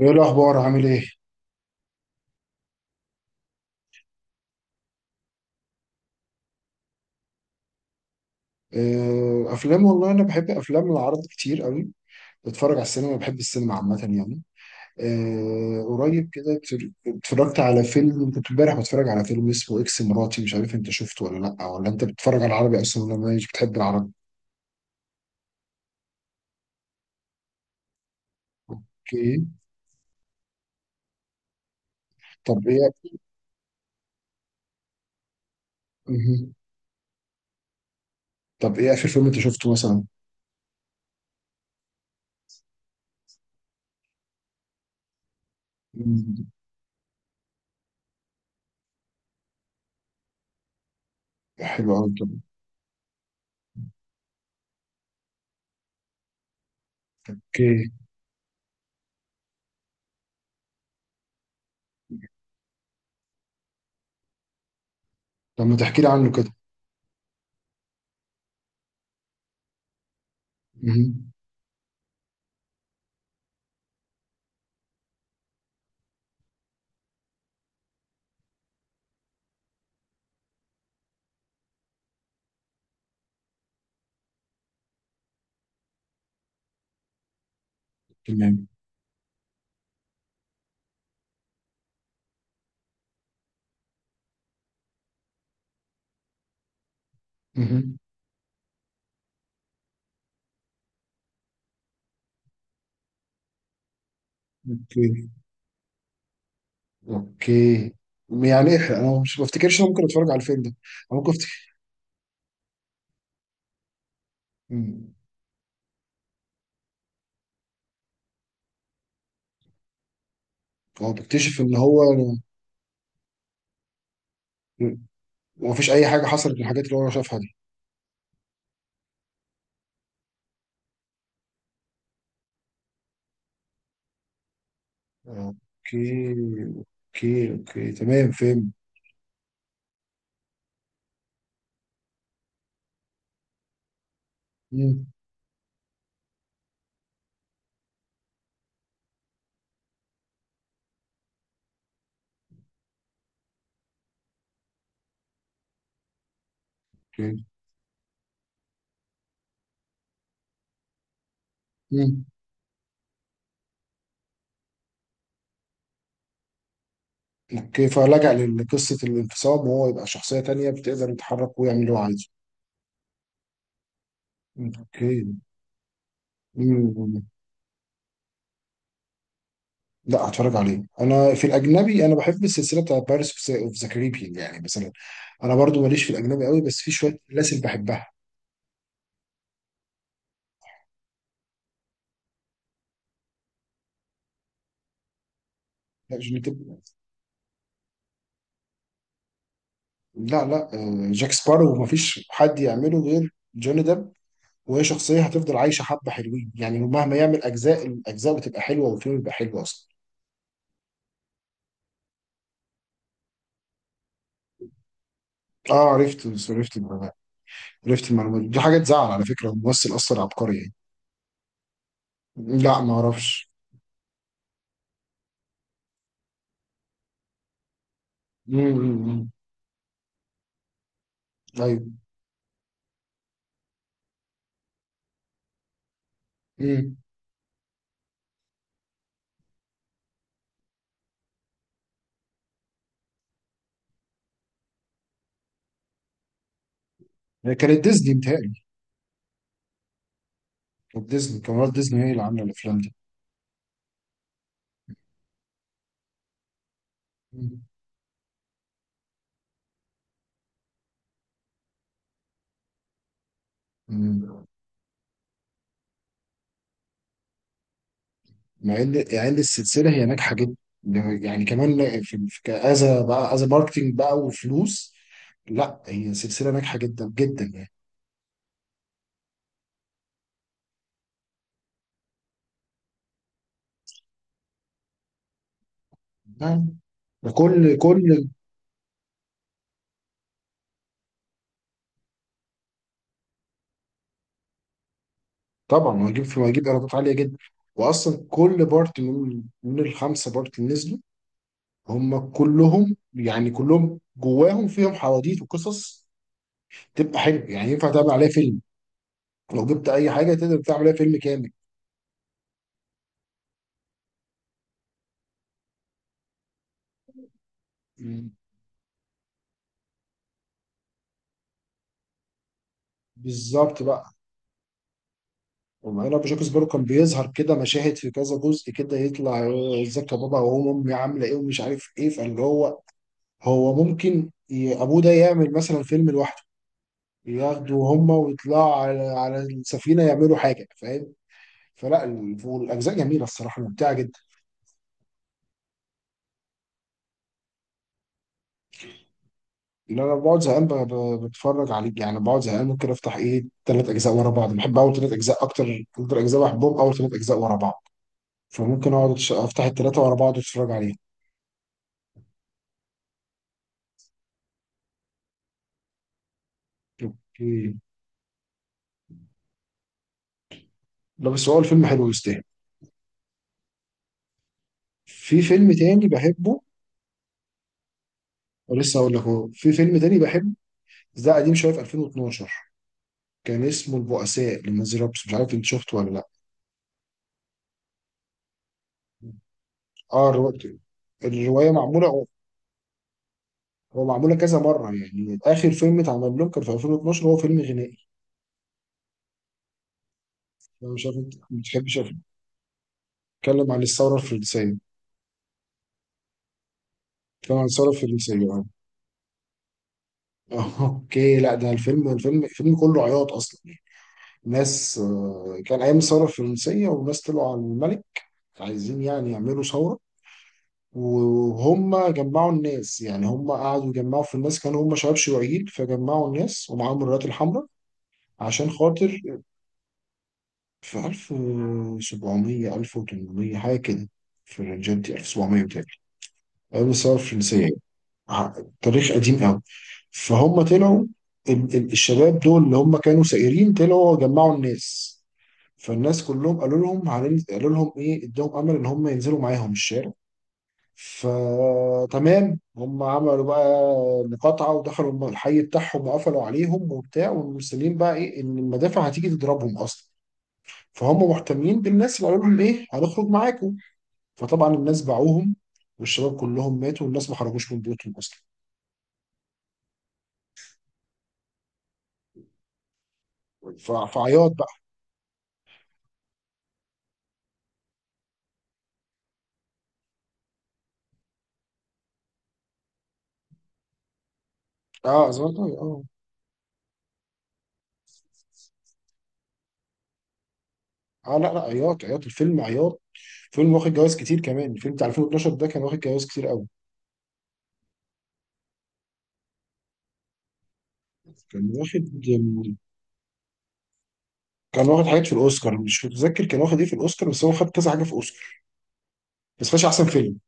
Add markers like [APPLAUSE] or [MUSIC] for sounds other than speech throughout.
ايه الاخبار؟ عامل ايه؟ افلام، والله انا بحب افلام العرض كتير قوي. بتفرج على السينما، بحب السينما عامه يعني. قريب كده اتفرجت على فيلم. كنت امبارح بتفرج على فيلم اسمه اكس مراتي، مش عارف انت شفته ولا لا، ولا انت بتتفرج على العربي اصلا ولا مش بتحب العربي؟ اوكي. طب ايه؟ مه. طب ايه اخر فيلم انت شفته مثلا؟ مم. حلو قوي، طب. اوكي. طب ما تحكي لي عنه كده. مه. تمام. مه. اوكي، اوكي. يعني انا مش بفتكرش إن انا ممكن اتفرج على الفيلم ده. انا ممكن افتكر. مم. هو بيكتشف ان هو ما فيش اي حاجه حصلت من الحاجات اللي هو شافها دي. اوكي، اوكي، اوكي تمام، فهم. مم. اوكي. مم. اوكي، فلجأ لقصه الانفصام وهو يبقى شخصيه تانية بتقدر يتحرك ويعمل اللي هو عايزه. اوكي. مم. لا، هتفرج عليه. انا في الاجنبي انا بحب السلسله بتاعت بارس اوف ذا كاريبيان يعني مثلا. انا برضو ماليش في الاجنبي قوي بس في شويه سلاسل بحبها. لا، جوني ديب. لا، لا، جاك سبارو مفيش حد يعمله غير جوني ديب. وهي شخصية هتفضل عايشة حبة حلوين يعني، مهما يعمل أجزاء، الأجزاء بتبقى حلوة والفيلم بيبقى حلو أصلا. اه، عرفت عرفت المعلومات. عرفت المعلومات دي حاجة تزعل على فكرة، الممثل أصلا عبقري يعني. لا، ما أعرفش. مم، مم، مم. أيوه. مم. هي كانت ديزني متهيألي. كانت ديزني هي اللي عاملة الأفلام دي. مم. مم. مع ان يعني إن السلسله هي ناجحه جدا يعني. كمان في كأذا بقى، أذا ماركتينج بقى وفلوس. لا، هي سلسله ناجحه جدا جدا يعني. نعم. ده كل كل. طبعا هجيب ايرادات عاليه جدا. واصلا كل بارت من الخمسه بارت اللي نزلوا، هم كلهم يعني كلهم جواهم فيهم حواديت وقصص. تبقى حلو، يعني ينفع تعمل عليها فيلم. لو جبت اي حاجه تقدر تعمل عليها فيلم كامل. بالظبط بقى. ومعانا بجوكسبورو كان بيظهر كده مشاهد في كذا جزء كده يطلع، ازيك يا بابا وهو امي عامله ايه ومش عارف ايه، فاللي هو، هو ممكن ابوه ده يعمل مثلا فيلم لوحده. ياخدوا هما ويطلعوا على السفينه يعملوا حاجه، فاهم؟ فلا، والاجزاء جميله الصراحه، ممتعه جدا. اللي انا بقعد زهقان بتفرج عليه يعني، بقعد زهقان ممكن افتح ايه ثلاث اجزاء ورا بعض، بحب اول ثلاث اجزاء اكتر. اكتر اجزاء بحبهم اول ثلاث اجزاء ورا بعض. فممكن اقعد افتح الثلاثه ورا بعض واتفرج عليهم. اوكي. لا بس هو الفيلم حلو يستاهل. في فيلم تاني بحبه. ولسه هقول لك اهو، في فيلم تاني بحب بس ده قديم شويه، في 2012. كان اسمه البؤساء لنانسي رابس، مش عارف انت شفته ولا لا. اه، الروايه. الروايه معموله، هو هو معموله كذا مره، يعني اخر فيلم اتعمل لهم كان في 2012، هو فيلم غنائي. انا مش عارف انت ما بتحبش الافلام. اتكلم عن الثوره الفرنسيه. اتكلم عن الثوره الفرنسيه، اه. [LAUGHS] اوكي. لا ده الفيلم كله عياط اصلا. ناس، كان ايام الثوره الفرنسيه وناس طلعوا على الملك، عايزين يعني يعملوا ثورة. وهم جمعوا الناس، يعني هم قعدوا يجمعوا في الناس، كانوا هم شباب شيوعيين فجمعوا الناس ومعاهم الرايات الحمراء. عشان خاطر، في 1700، 1800 حاجة كده. في الرنجات دي 1700 بتاعي، أيام الثورة الفرنسية يعني. ع- تاريخ قديم قوي. فهم طلعوا، الشباب دول اللي هم كانوا سائرين طلعوا جمعوا الناس. فالناس كلهم قالوا لهم قالوا لهم ايه، ادهم امل ان هم ينزلوا معاهم الشارع. فتمام هم عملوا بقى مقاطعة ودخلوا الحي بتاعهم وقفلوا عليهم وبتاع. والمسلمين بقى ايه ان المدافع هتيجي تضربهم اصلا، فهم محتمين بالناس اللي قالوا لهم ايه هنخرج معاكم. فطبعا الناس باعوهم والشباب كلهم ماتوا والناس ما خرجوش من بيوتهم اصلا. فعياط بقى. اه زمان اه. اه، لا، لا، عياط عياط، الفيلم عياط. فيلم واخد جوائز كتير كمان، الفيلم بتاع 2012 ده كان واخد جوائز كتير قوي. كان واخد. كان واخد حاجات في الاوسكار، مش متذكر كان واخد ايه في الاوسكار، بس هو خد كذا حاجه في اوسكار. بس خدش احسن فيلم.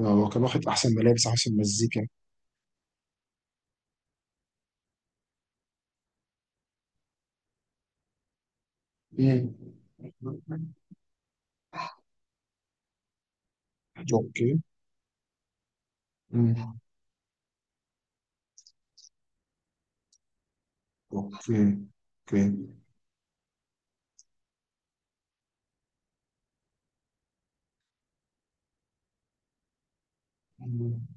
هو كان واخد احسن ملابس، احسن مزيكا. مم. اوكي. مم. اوكي، اوكي. مم.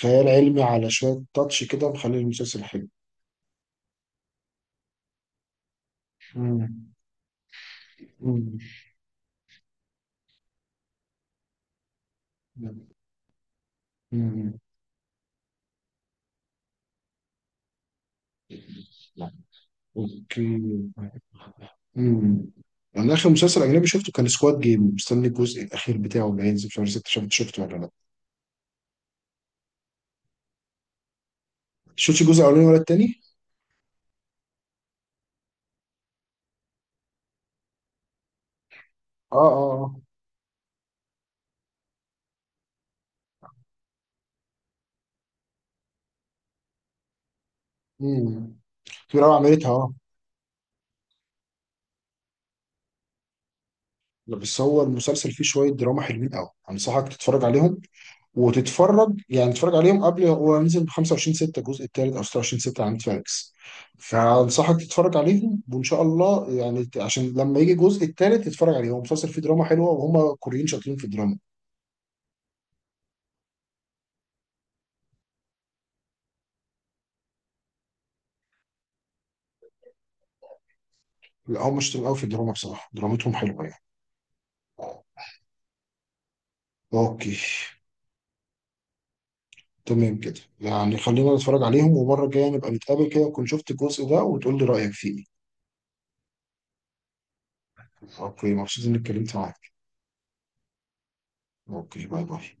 خيال علمي على شويه تاتش كده مخلي المسلسل حلو. مم. مم. مم. اوكي. مم. انا اخر مسلسل اجنبي شفته كان سكواد جيم. مستني الجزء الاخير بتاعه اللي هينزل في شهر 6. شفته ولا لا؟ شفتش الجزء الاولاني ولا التاني؟ اه، اه. امم. في رعب عملتها، اه. لا، بس هو المسلسل فيه شويه دراما حلوين قوي، انصحك تتفرج عليهم. وتتفرج يعني تتفرج عليهم قبل، هو نزل ب 25 6 الجزء الثالث او 26 6 على نتفليكس. فانصحك تتفرج عليهم وان شاء الله يعني عشان لما يجي الجزء الثالث تتفرج عليه. هو مسلسل فيه دراما حلوه وهم كوريين شاطرين في الدراما. لا هم شاطرين قوي في الدراما بصراحه، درامتهم حلوه يعني. اوكي. تمام كده يعني، خلينا نتفرج عليهم ومره الجايه نبقى نتقابل كده نكون شفت الجزء ده وتقول لي رايك فيه. اوكي، مبسوط اني اتكلمت معاك. اوكي، باي باي.